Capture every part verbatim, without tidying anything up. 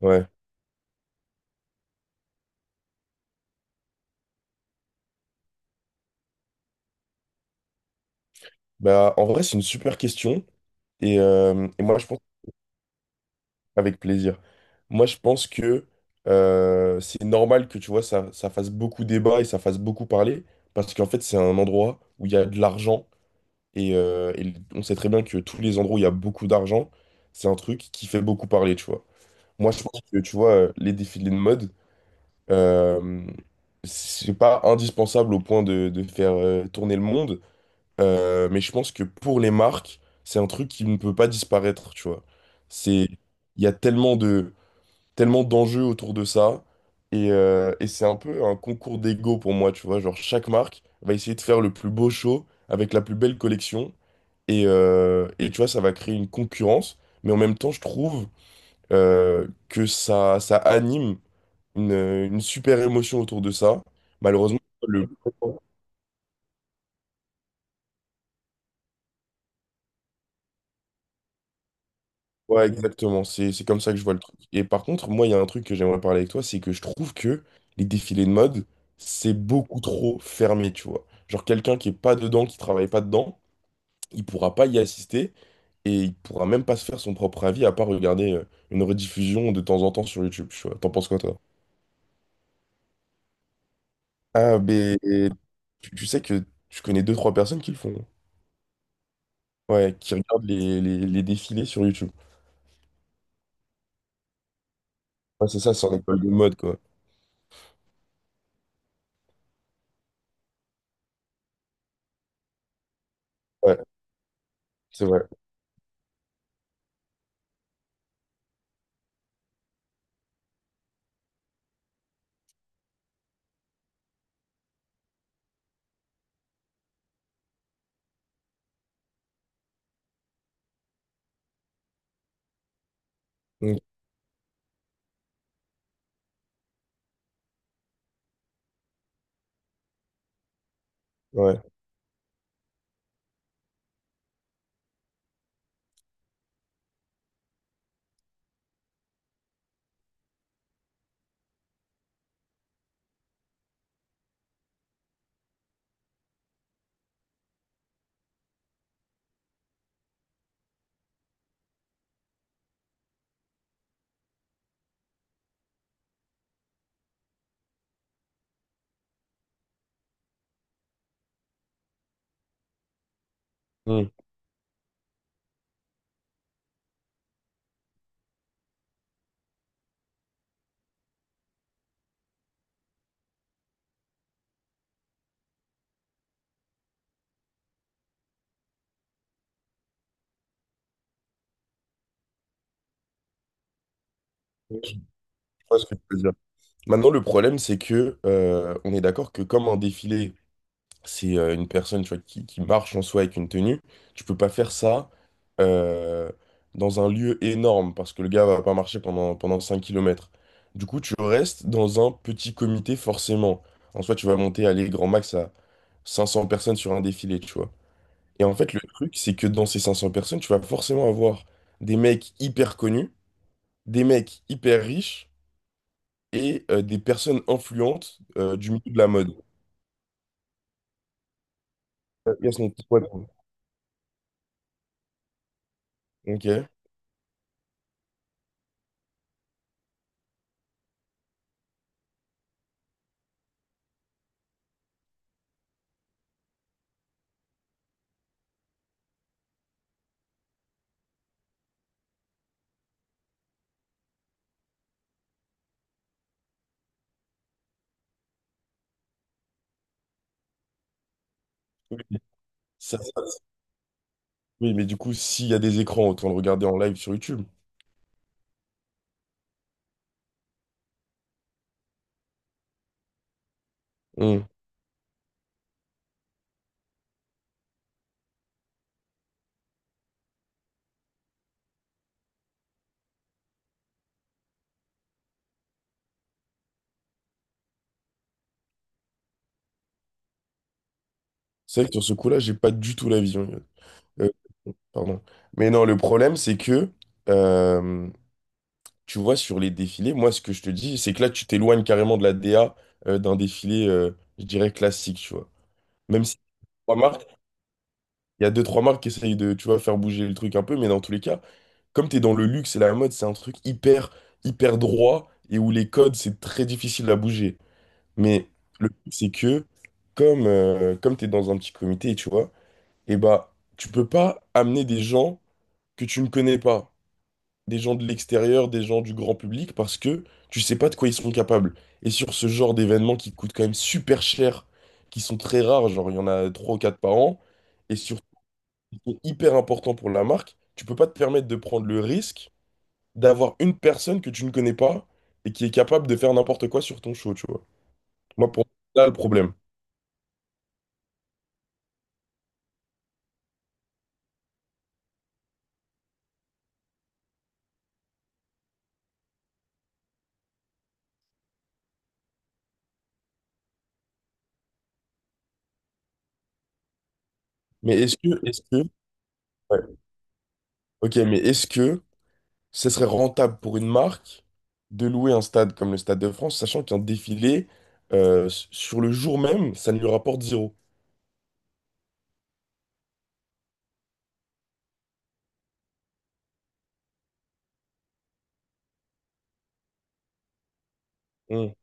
Ouais, bah en vrai c'est une super question et, euh, et moi je pense avec plaisir. Moi je pense que euh, c'est normal que tu vois ça, ça fasse beaucoup débat et ça fasse beaucoup parler parce qu'en fait c'est un endroit où il y a de l'argent et, euh, et on sait très bien que tous les endroits où il y a beaucoup d'argent c'est un truc qui fait beaucoup parler tu vois. Moi je pense que tu vois euh, les défilés de mode euh, c'est pas indispensable au point de, de faire euh, tourner le monde. Euh, mais je pense que pour les marques, c'est un truc qui ne peut pas disparaître, tu vois. C'est, il y a tellement de, tellement d'enjeux autour de ça, et, euh, et c'est un peu un concours d'ego pour moi, tu vois. Genre chaque marque va essayer de faire le plus beau show avec la plus belle collection, et, euh, et tu vois, ça va créer une concurrence, mais en même temps, je trouve euh, que ça, ça anime une, une super émotion autour de ça. Malheureusement. Le Ouais, exactement. C'est, c'est comme ça que je vois le truc. Et par contre, moi, il y a un truc que j'aimerais parler avec toi, c'est que je trouve que les défilés de mode, c'est beaucoup trop fermé, tu vois. Genre, quelqu'un qui est pas dedans, qui travaille pas dedans, il pourra pas y assister et il pourra même pas se faire son propre avis à part regarder euh, une rediffusion de temps en temps sur YouTube, tu vois. T'en penses quoi, toi? Ah, ben, tu tu sais que je connais deux, trois personnes qui le font, hein. Ouais, qui regardent les, les, les défilés sur YouTube. Ouais, c'est ça, c'est en école de mode, quoi. Ouais, c'est vrai. Mm. Ouais. Mm. Vois ce que tu veux dire. Maintenant, le problème, c'est que euh, on est d'accord que comme un défilé, c'est euh, une personne tu vois, qui, qui marche en soi avec une tenue, tu peux pas faire ça euh, dans un lieu énorme parce que le gars va pas marcher pendant, pendant cinq kilomètres. Du coup, tu restes dans un petit comité forcément. En soi, tu vas monter, aller grand max à cinq cents personnes sur un défilé, tu vois. Et en fait, le truc, c'est que dans ces cinq cents personnes, tu vas forcément avoir des mecs hyper connus, des mecs hyper riches et euh, des personnes influentes euh, du milieu de la mode. Euh, yes, mon petit pote. Ok. Oui, ça, c'est- oui, mais du coup, s'il y a des écrans, autant le regarder en live sur YouTube. Hmm. C'est vrai que sur ce coup-là, j'ai pas du tout la vision. Euh, Pardon. Mais non, le problème, c'est que, euh, tu vois, sur les défilés, moi, ce que je te dis, c'est que là, tu t'éloignes carrément de la D A euh, d'un défilé, euh, je dirais, classique, tu vois. Même si trois marques, il y a deux, trois marques qui essayent de, tu vois, faire bouger le truc un peu, mais dans tous les cas, comme t'es dans le luxe et la mode, c'est un truc hyper, hyper droit et où les codes, c'est très difficile à bouger. Mais le truc, c'est que comme, euh, comme t'es dans un petit comité, tu vois, et bah, tu peux pas amener des gens que tu ne connais pas, des gens de l'extérieur, des gens du grand public, parce que tu sais pas de quoi ils sont capables. Et sur ce genre d'événements qui coûtent quand même super cher, qui sont très rares, genre il y en a trois ou quatre par an, et surtout qui sont hyper importants pour la marque, tu peux pas te permettre de prendre le risque d'avoir une personne que tu ne connais pas et qui est capable de faire n'importe quoi sur ton show, tu vois. Moi, pour moi, là, le problème. Mais est-ce que, est-ce que, ouais. Ok, mais est-ce que ce serait rentable pour une marque de louer un stade comme le Stade de France, sachant qu'un défilé, euh, s- sur le jour même, ça ne lui rapporte zéro? Hmm.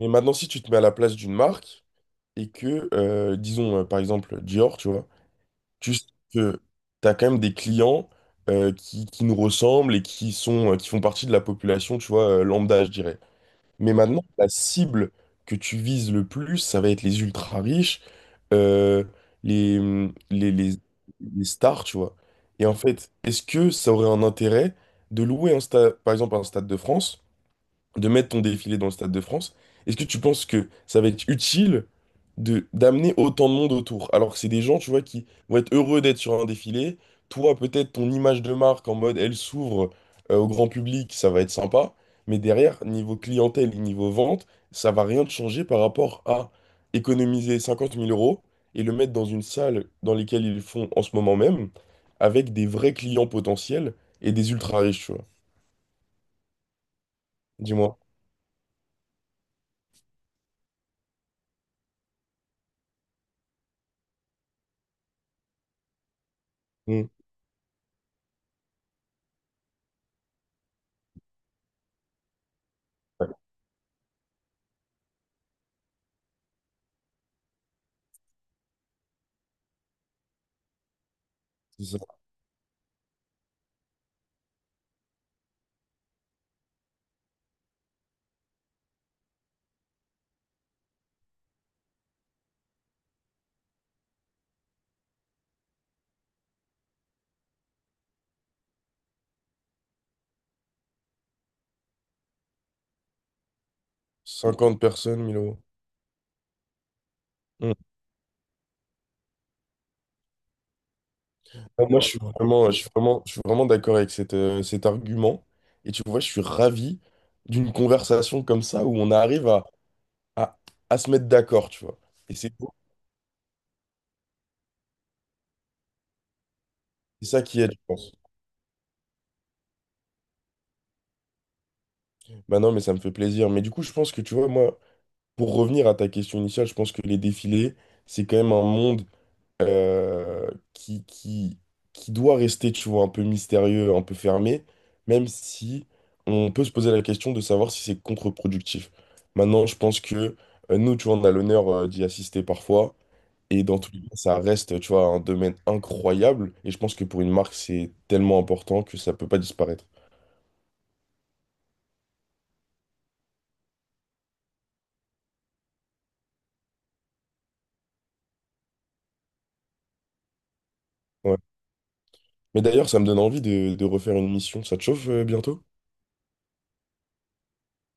Mais maintenant, si tu te mets à la place d'une marque et que, euh, disons, euh, par exemple, Dior, tu vois, juste que tu as quand même des clients euh, qui, qui nous ressemblent et qui sont, euh, qui font partie de la population, tu vois, euh, lambda, je dirais. Mais maintenant, la cible que tu vises le plus, ça va être les ultra riches, euh, les, les, les, les stars, tu vois. Et en fait, est-ce que ça aurait un intérêt de louer un stade, par exemple un stade de France? De mettre ton défilé dans le Stade de France, est-ce que tu penses que ça va être utile de d'amener autant de monde autour? Alors que c'est des gens, tu vois, qui vont être heureux d'être sur un défilé. Toi, peut-être ton image de marque en mode elle s'ouvre euh, au grand public, ça va être sympa. Mais derrière, niveau clientèle et niveau vente, ça va rien te changer par rapport à économiser cinquante mille euros et le mettre dans une salle dans lesquelles ils le font en ce moment même, avec des vrais clients potentiels et des ultra riches, tu vois. Dis-moi. Mm. Ouais, c'est ça. cinquante personnes, mille euros. Mm. Ah, moi, je suis vraiment, je suis vraiment, je suis vraiment d'accord avec cette, euh, cet argument. Et tu vois, je suis ravi d'une conversation comme ça où on arrive à, à, à se mettre d'accord, tu vois. Et c'est beau. C'est ça qui aide, je pense. Bah non, mais ça me fait plaisir. Mais du coup, je pense que, tu vois, moi, pour revenir à ta question initiale, je pense que les défilés, c'est quand même un monde euh, qui, qui, qui doit rester, tu vois, un peu mystérieux, un peu fermé, même si on peut se poser la question de savoir si c'est contre-productif. Maintenant, je pense que euh, nous, tu vois, on a l'honneur euh, d'y assister parfois, et dans tous les cas, ça reste, tu vois, un domaine incroyable, et je pense que pour une marque, c'est tellement important que ça peut pas disparaître. Ouais. Mais d'ailleurs, ça me donne envie de, de, refaire une mission. Ça te chauffe euh, bientôt?